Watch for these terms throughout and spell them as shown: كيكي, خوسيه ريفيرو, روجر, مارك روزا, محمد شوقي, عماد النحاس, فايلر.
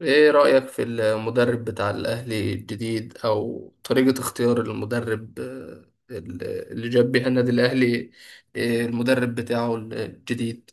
ايه رأيك في المدرب بتاع الأهلي الجديد او طريقة اختيار المدرب اللي جاب بيها النادي الأهلي المدرب بتاعه الجديد.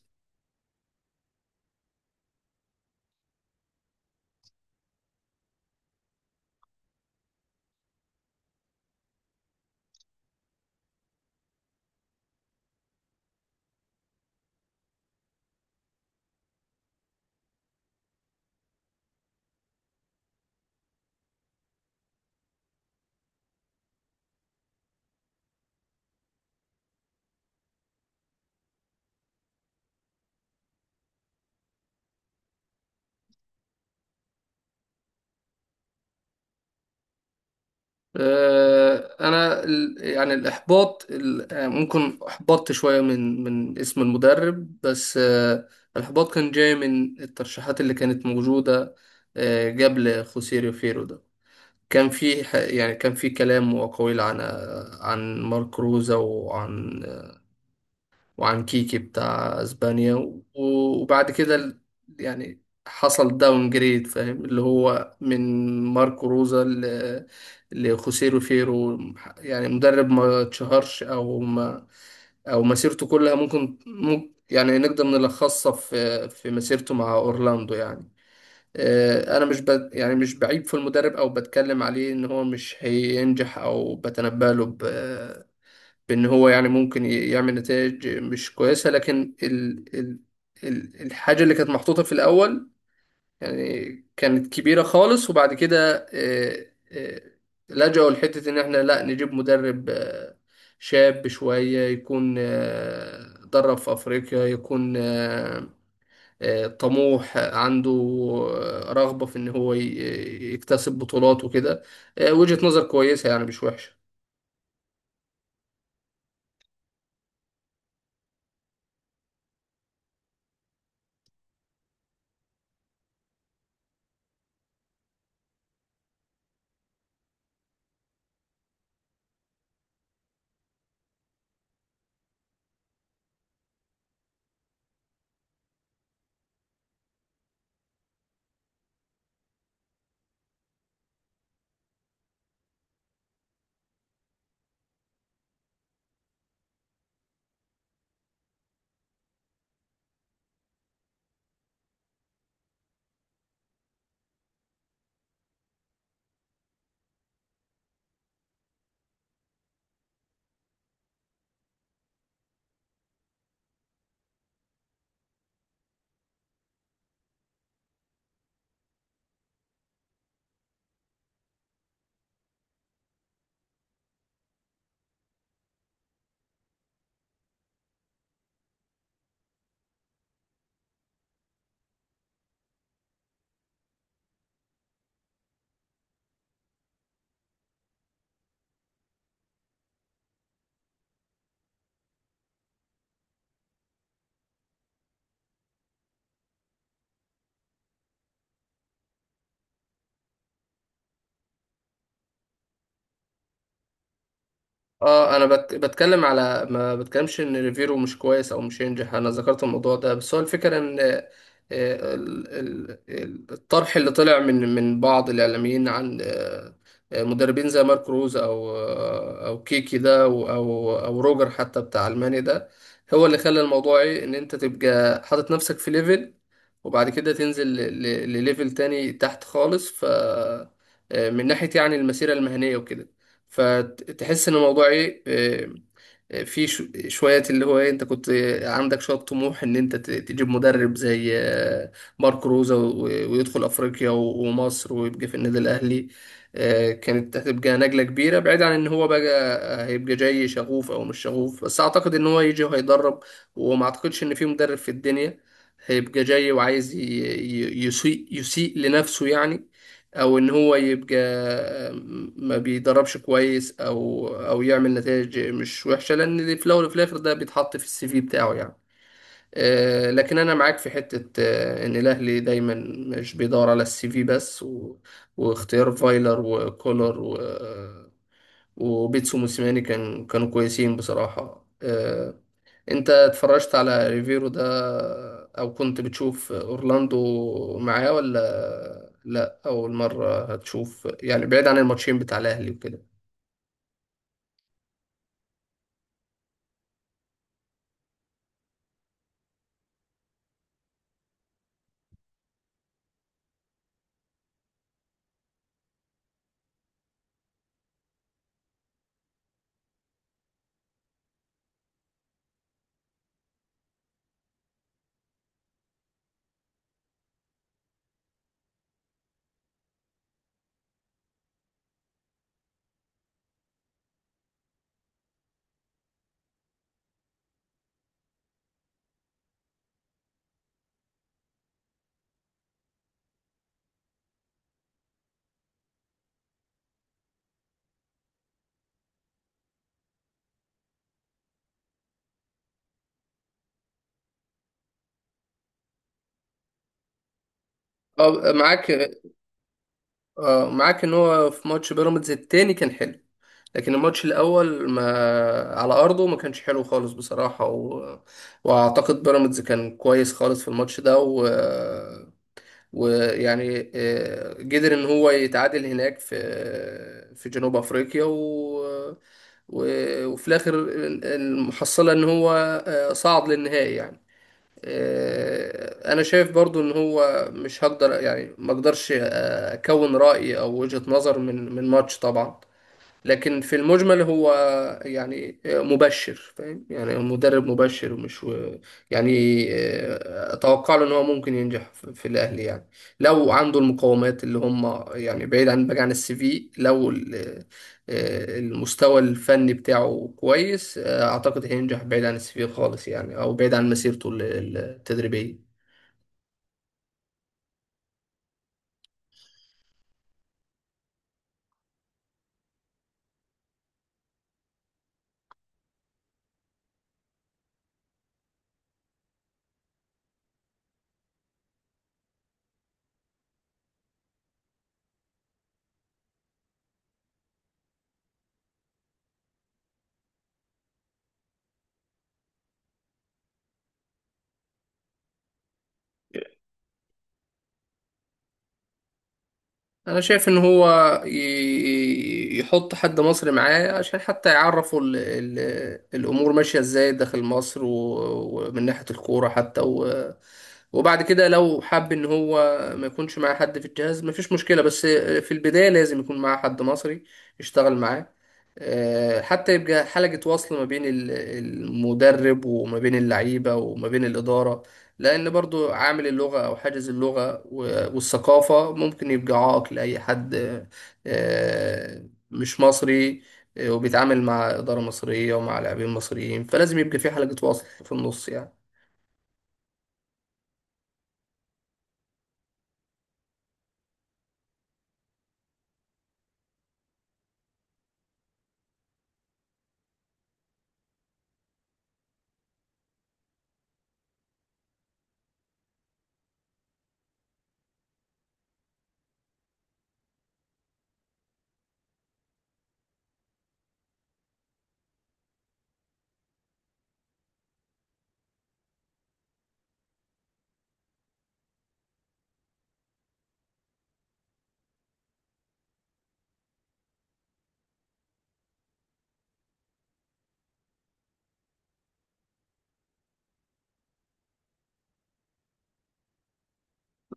انا الاحباط ممكن احبطت شوية من اسم المدرب بس. الاحباط كان جاي من الترشيحات اللي كانت موجودة قبل خوسيريو فيرو ده. كان في كان في كلام وأقاويل عن عن مارك روزا وعن كيكي بتاع اسبانيا وبعد كده يعني حصل داون جريد، فاهم؟ اللي هو من ماركو روزا لخوسيه روفيرو، يعني مدرب ما اتشهرش او ما او مسيرته كلها ممكن نقدر نلخصها في مسيرته مع اورلاندو يعني. انا مش ب... يعني مش بعيب في المدرب او بتكلم عليه ان هو مش هينجح، او بتنبأ له بان هو يعني ممكن يعمل نتائج مش كويسه. لكن ال الحاجه اللي كانت محطوطه في الاول يعني كانت كبيره خالص، وبعد كده، لجأوا لحته ان احنا لا نجيب مدرب شاب شويه، يكون درب في افريقيا، يكون طموح، عنده رغبه في ان هو يكتسب بطولات وكده. وجهه نظر كويسه يعني، مش وحشه. اه انا بتكلم على ما بتكلمش ان ريفيرو مش كويس او مش ينجح، انا ذكرت الموضوع ده. بس هو الفكره ان الطرح اللي طلع من بعض الاعلاميين عن مدربين زي مارك روز او كيكي ده او او روجر حتى بتاع المانيا ده، هو اللي خلى الموضوع ايه، ان انت تبقى حاطط نفسك في ليفل، وبعد كده تنزل لليفل تاني تحت خالص. ف من ناحيه يعني المسيره المهنيه وكده، فتحس ان الموضوع ايه، في شوية اللي هو ايه، انت كنت عندك شوية طموح ان انت تجيب مدرب زي مارك روزا، ويدخل افريقيا ومصر ويبقى في النادي الاهلي. كانت هتبقى نجلة كبيرة، بعيد عن ان هو بقى هيبقى جاي شغوف او مش شغوف. بس اعتقد ان هو يجي وهيدرب، وما اعتقدش ان في مدرب في الدنيا هيبقى جاي وعايز يسيء لنفسه يعني، او ان هو يبقى ما بيدربش كويس او يعمل نتائج مش وحشه، لان في الاول وفي الاخر ده بيتحط في السي في بتاعه يعني. لكن انا معاك في حته ان الاهلي دايما مش بيدور على السي في بس، و... واختيار فايلر وكولر و... آه، وبيتسو موسيماني كانوا كويسين بصراحه. انت اتفرجت على ريفيرو ده، او كنت بتشوف اورلاندو معاه، ولا لا اول مرة هتشوف يعني، بعيد عن الماتشين بتاع الاهلي وكده؟ اه معاك. اه معاك ان هو في ماتش بيراميدز التاني كان حلو، لكن الماتش الاول ما على ارضه ما كانش حلو خالص بصراحة. و... واعتقد بيراميدز كان كويس خالص في الماتش ده، و... ويعني قدر ان هو يتعادل هناك في في جنوب افريقيا، وفي الاخر المحصله ان هو صعد للنهائي يعني. انا شايف برضو ان هو مش هقدر يعني ما اقدرش اكون راي او وجهه نظر من ماتش طبعا، لكن في المجمل هو يعني مبشر، فاهم؟ يعني هو مدرب مبشر، ومش يعني اتوقع له ان هو ممكن ينجح في الاهلي يعني، لو عنده المقومات اللي هم يعني، بعيد عن السي في. لو المستوى الفني بتاعه كويس، اعتقد هينجح بعيد عن السي في خالص يعني، او بعيد عن مسيرته التدريبية. انا شايف ان هو يحط حد مصري معاه، عشان حتى يعرفوا ال ال الامور ماشيه ازاي داخل مصر ومن ناحيه الكوره حتى. و وبعد كده لو حب ان هو ما يكونش معاه حد في الجهاز، مفيش مشكله. بس في البدايه لازم يكون معاه حد مصري يشتغل معاه، حتى يبقى حلقه وصل ما بين المدرب وما بين اللعيبه وما بين الاداره. لأن برضو عامل اللغة أو حاجز اللغة والثقافة ممكن يبقى عائق لأي حد مش مصري، وبيتعامل مع إدارة مصرية ومع لاعبين مصريين، فلازم يبقى في حلقة وصل في النص يعني.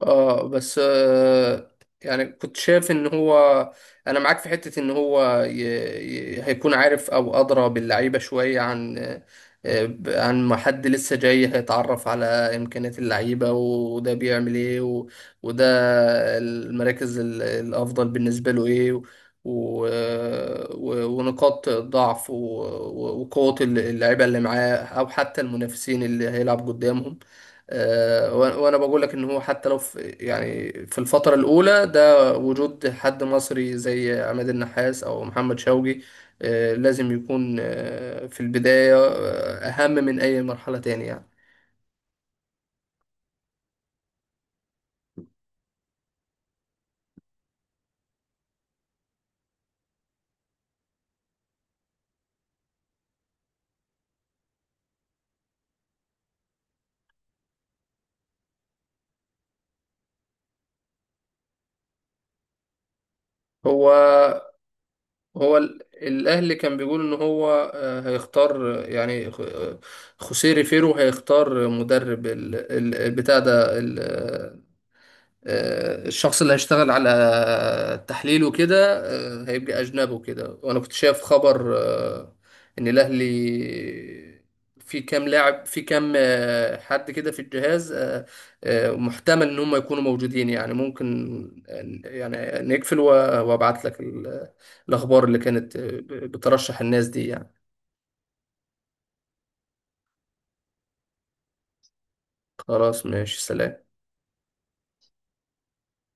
اه بس آه، يعني كنت شايف ان هو، انا معاك في حتة ان هو هيكون عارف او ادرى باللعيبة شوية عن عن ما حد لسه جاي هيتعرف على امكانيات اللعيبة، وده بيعمل ايه، و... وده المراكز الافضل بالنسبة له ايه، و ونقاط ضعف و... وقوة اللعيبة اللي معاه، او حتى المنافسين اللي هيلعب قدامهم. وانا بقول لك ان هو حتى لو في يعني، في الفتره الاولى ده، وجود حد مصري زي عماد النحاس او محمد شوقي لازم يكون في البدايه اهم من اي مرحله تانية يعني. هو هو ال الاهلي كان بيقول ان هو هيختار خوسيه ريفيرو هيختار مدرب البتاع ده، الشخص اللي هيشتغل على تحليل وكده هيبقى أجنبي وكده. وأنا كنت شايف خبر إن الأهلي في كام لاعب، في كام حد كده في الجهاز محتمل إن هم يكونوا موجودين يعني. ممكن يعني نقفل وأبعت لك الأخبار اللي كانت بترشح الناس دي يعني. خلاص ماشي، سلام.